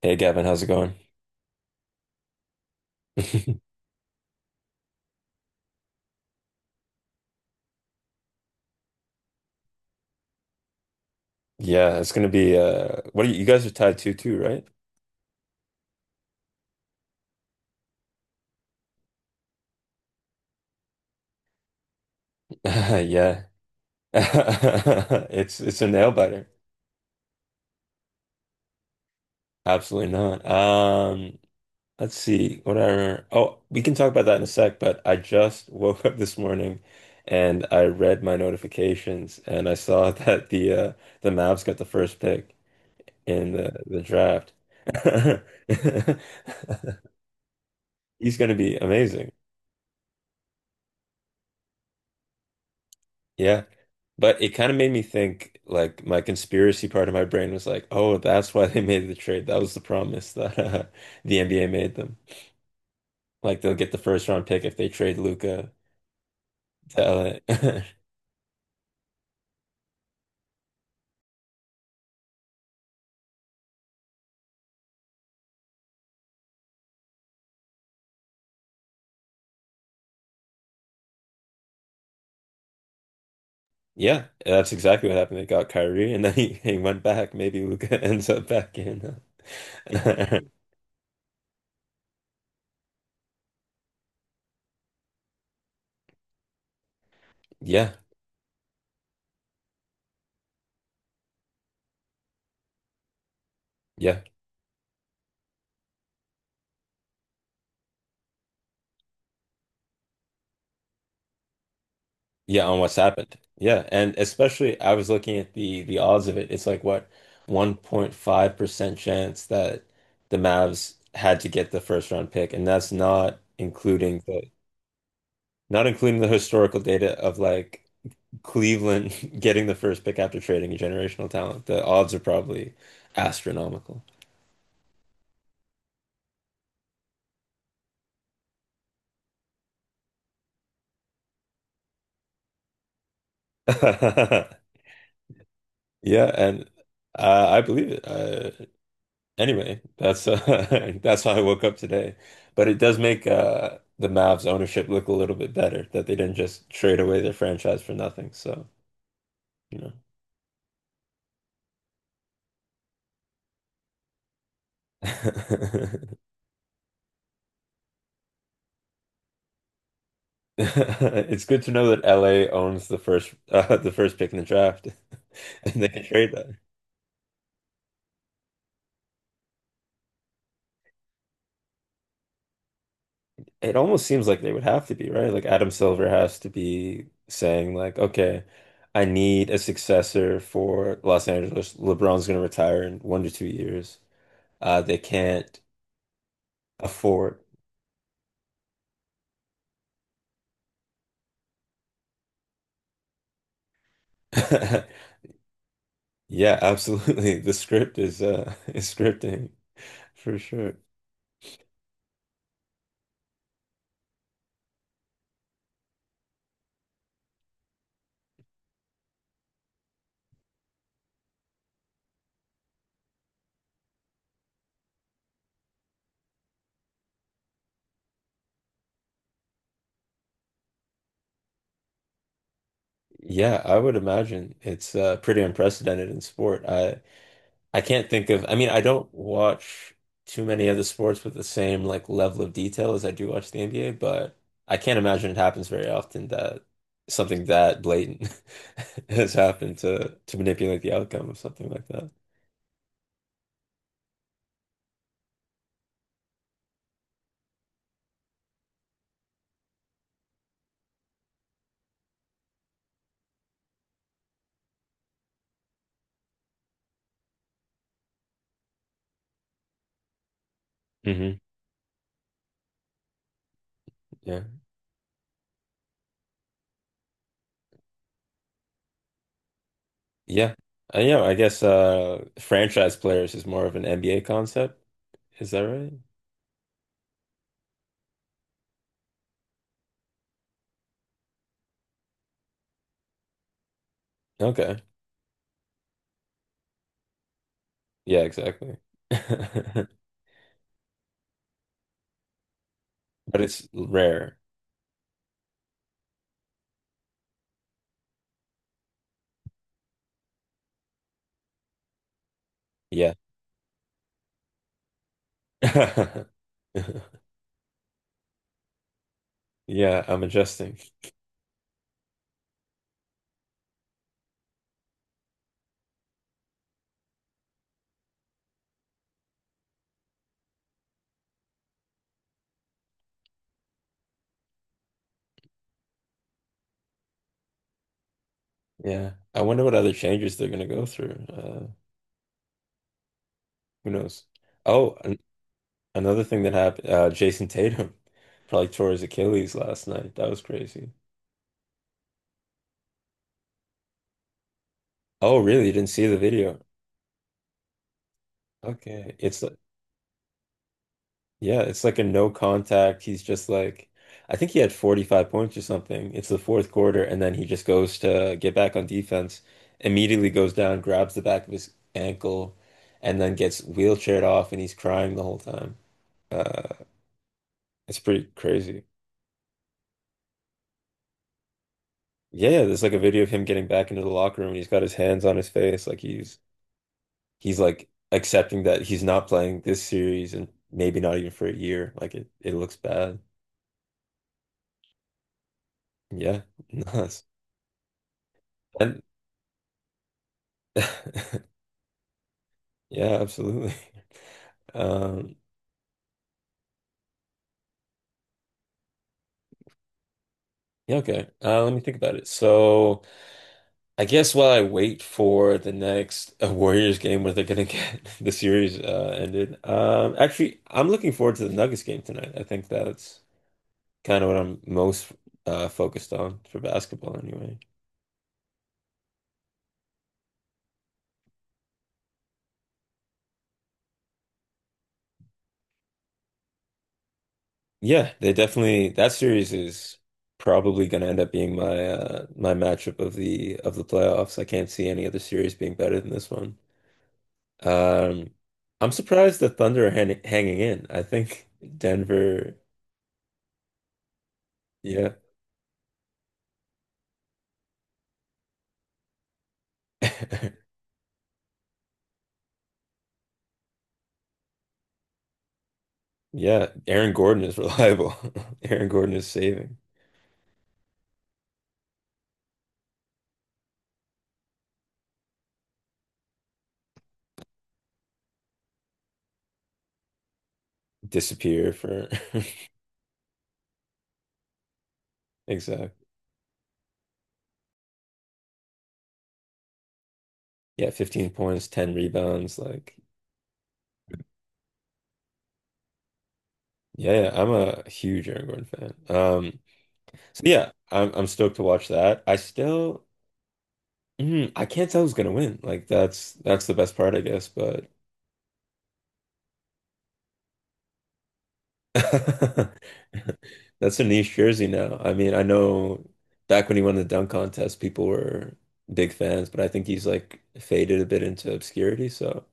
Hey Gavin, how's it going? Yeah, it's gonna be what are you, you guys are tied tattooed too, right? Yeah. It's a nail biter. Absolutely not. Let's see what I remember. Oh, we can talk about that in a sec, but I just woke up this morning and I read my notifications and I saw that the Mavs got the first pick in the draft. He's gonna be amazing. Yeah. But it kind of made me think, like, my conspiracy part of my brain was like, oh, that's why they made the trade. That was the promise that the NBA made them. Like, they'll get the first round pick if they trade Luca to LA. Yeah, that's exactly what happened. They got Kyrie and then he went back. Maybe Luca ends up back in. uh, Yeah, yeah. Yeah, on what's happened. Yeah, and especially I was looking at the odds of it. It's like what 1.5% chance that the Mavs had to get the first round pick, and that's not including the historical data of like Cleveland getting the first pick after trading a generational talent. The odds are probably astronomical. Yeah, and I believe it. Anyway, that's that's how I woke up today. But it does make the Mavs ownership look a little bit better that they didn't just trade away their franchise for nothing. So, you know. It's good to know that LA owns the first the first pick in the draft and they can trade that. It almost seems like they would have to be, right? Like, Adam Silver has to be saying, like, okay, I need a successor for Los Angeles. LeBron's going to retire in 1 to 2 years. They can't afford, Yeah, absolutely. The script is is scripting for sure. Yeah, I would imagine it's pretty unprecedented in sport. I can't think of, I mean, I don't watch too many other sports with the same like level of detail as I do watch the NBA, but I can't imagine it happens very often that something that blatant has happened to manipulate the outcome of something like that. Hmm. Yeah. Yeah, I guess franchise players is more of an NBA concept. Is that right? Okay. Yeah, exactly. But it's rare. Yeah. Yeah, I'm adjusting. Yeah. I wonder what other changes they're gonna go through. Who knows? Oh, an Another thing that happened, uh, Jason Tatum probably tore his Achilles last night. That was crazy. Oh, really? You didn't see the video? Okay. It's Yeah, it's like a no contact. He's just like, I think he had 45 points or something. It's the fourth quarter, and then he just goes to get back on defense, immediately goes down, grabs the back of his ankle, and then gets wheelchaired off, and he's crying the whole time. Uh, it's pretty crazy. Yeah, yeah, there's like a video of him getting back into the locker room, and he's got his hands on his face, like he's like accepting that he's not playing this series and maybe not even for a year. Like, it looks bad. Yeah, nice. And yeah, absolutely. Um, yeah, okay. Let me think about it. So, I guess while I wait for the next Warriors game where they're gonna get the series ended, actually, I'm looking forward to the Nuggets game tonight. I think that's kind of what I'm most focused on for basketball, anyway. Yeah, they definitely, that series is probably gonna end up being my my matchup of the playoffs. I can't see any other series being better than this one. Um, I'm surprised the Thunder are hanging in. I think Denver, yeah. Yeah, Aaron Gordon is reliable. Aaron Gordon is saving. Disappear for exact. Yeah, 15 points, 10 rebounds. Like, yeah, yeah, I'm a huge Aaron Gordon fan. So yeah, I'm stoked to watch that. I still, mm, I can't tell who's gonna win. Like, that's the best part, I guess. But that's a niche jersey now. I mean, I know back when he won the dunk contest, people were big fans, but I think he's like faded a bit into obscurity. So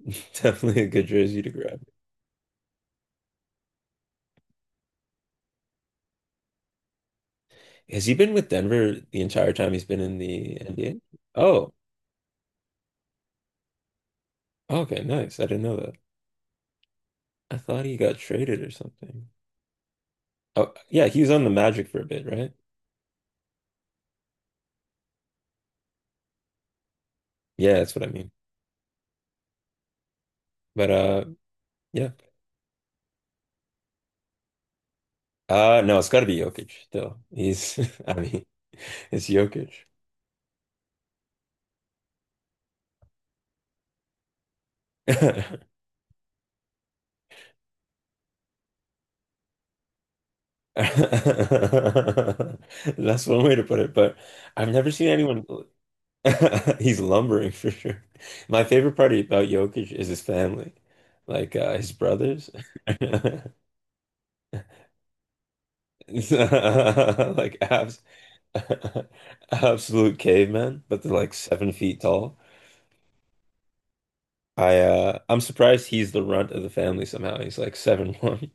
definitely a good jersey to grab. Has he been with Denver the entire time he's been in the NBA? Oh, okay, nice. I didn't know that. I thought he got traded or something. Oh, yeah, he was on the Magic for a bit, right? Yeah, that's what I mean. But yeah. No, it's got to be Jokic still. I mean, it's Jokic. That's one way to put it, but I've never seen anyone. He's lumbering for sure. My favorite part about Jokic is his family, like his brothers, like abs absolute cavemen, but they're like 7 feet tall. I'm surprised he's the runt of the family somehow. He's like 7'1".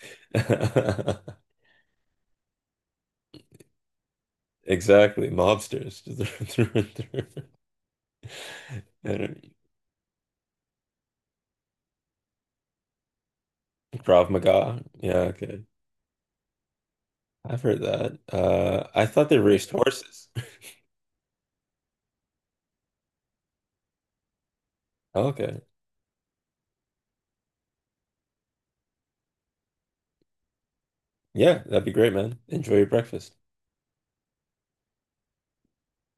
Exactly, mobsters through and through. I don't- Krav Maga. Yeah, okay. I've heard that. I thought they raced horses. Okay. Yeah, that'd be great, man. Enjoy your breakfast.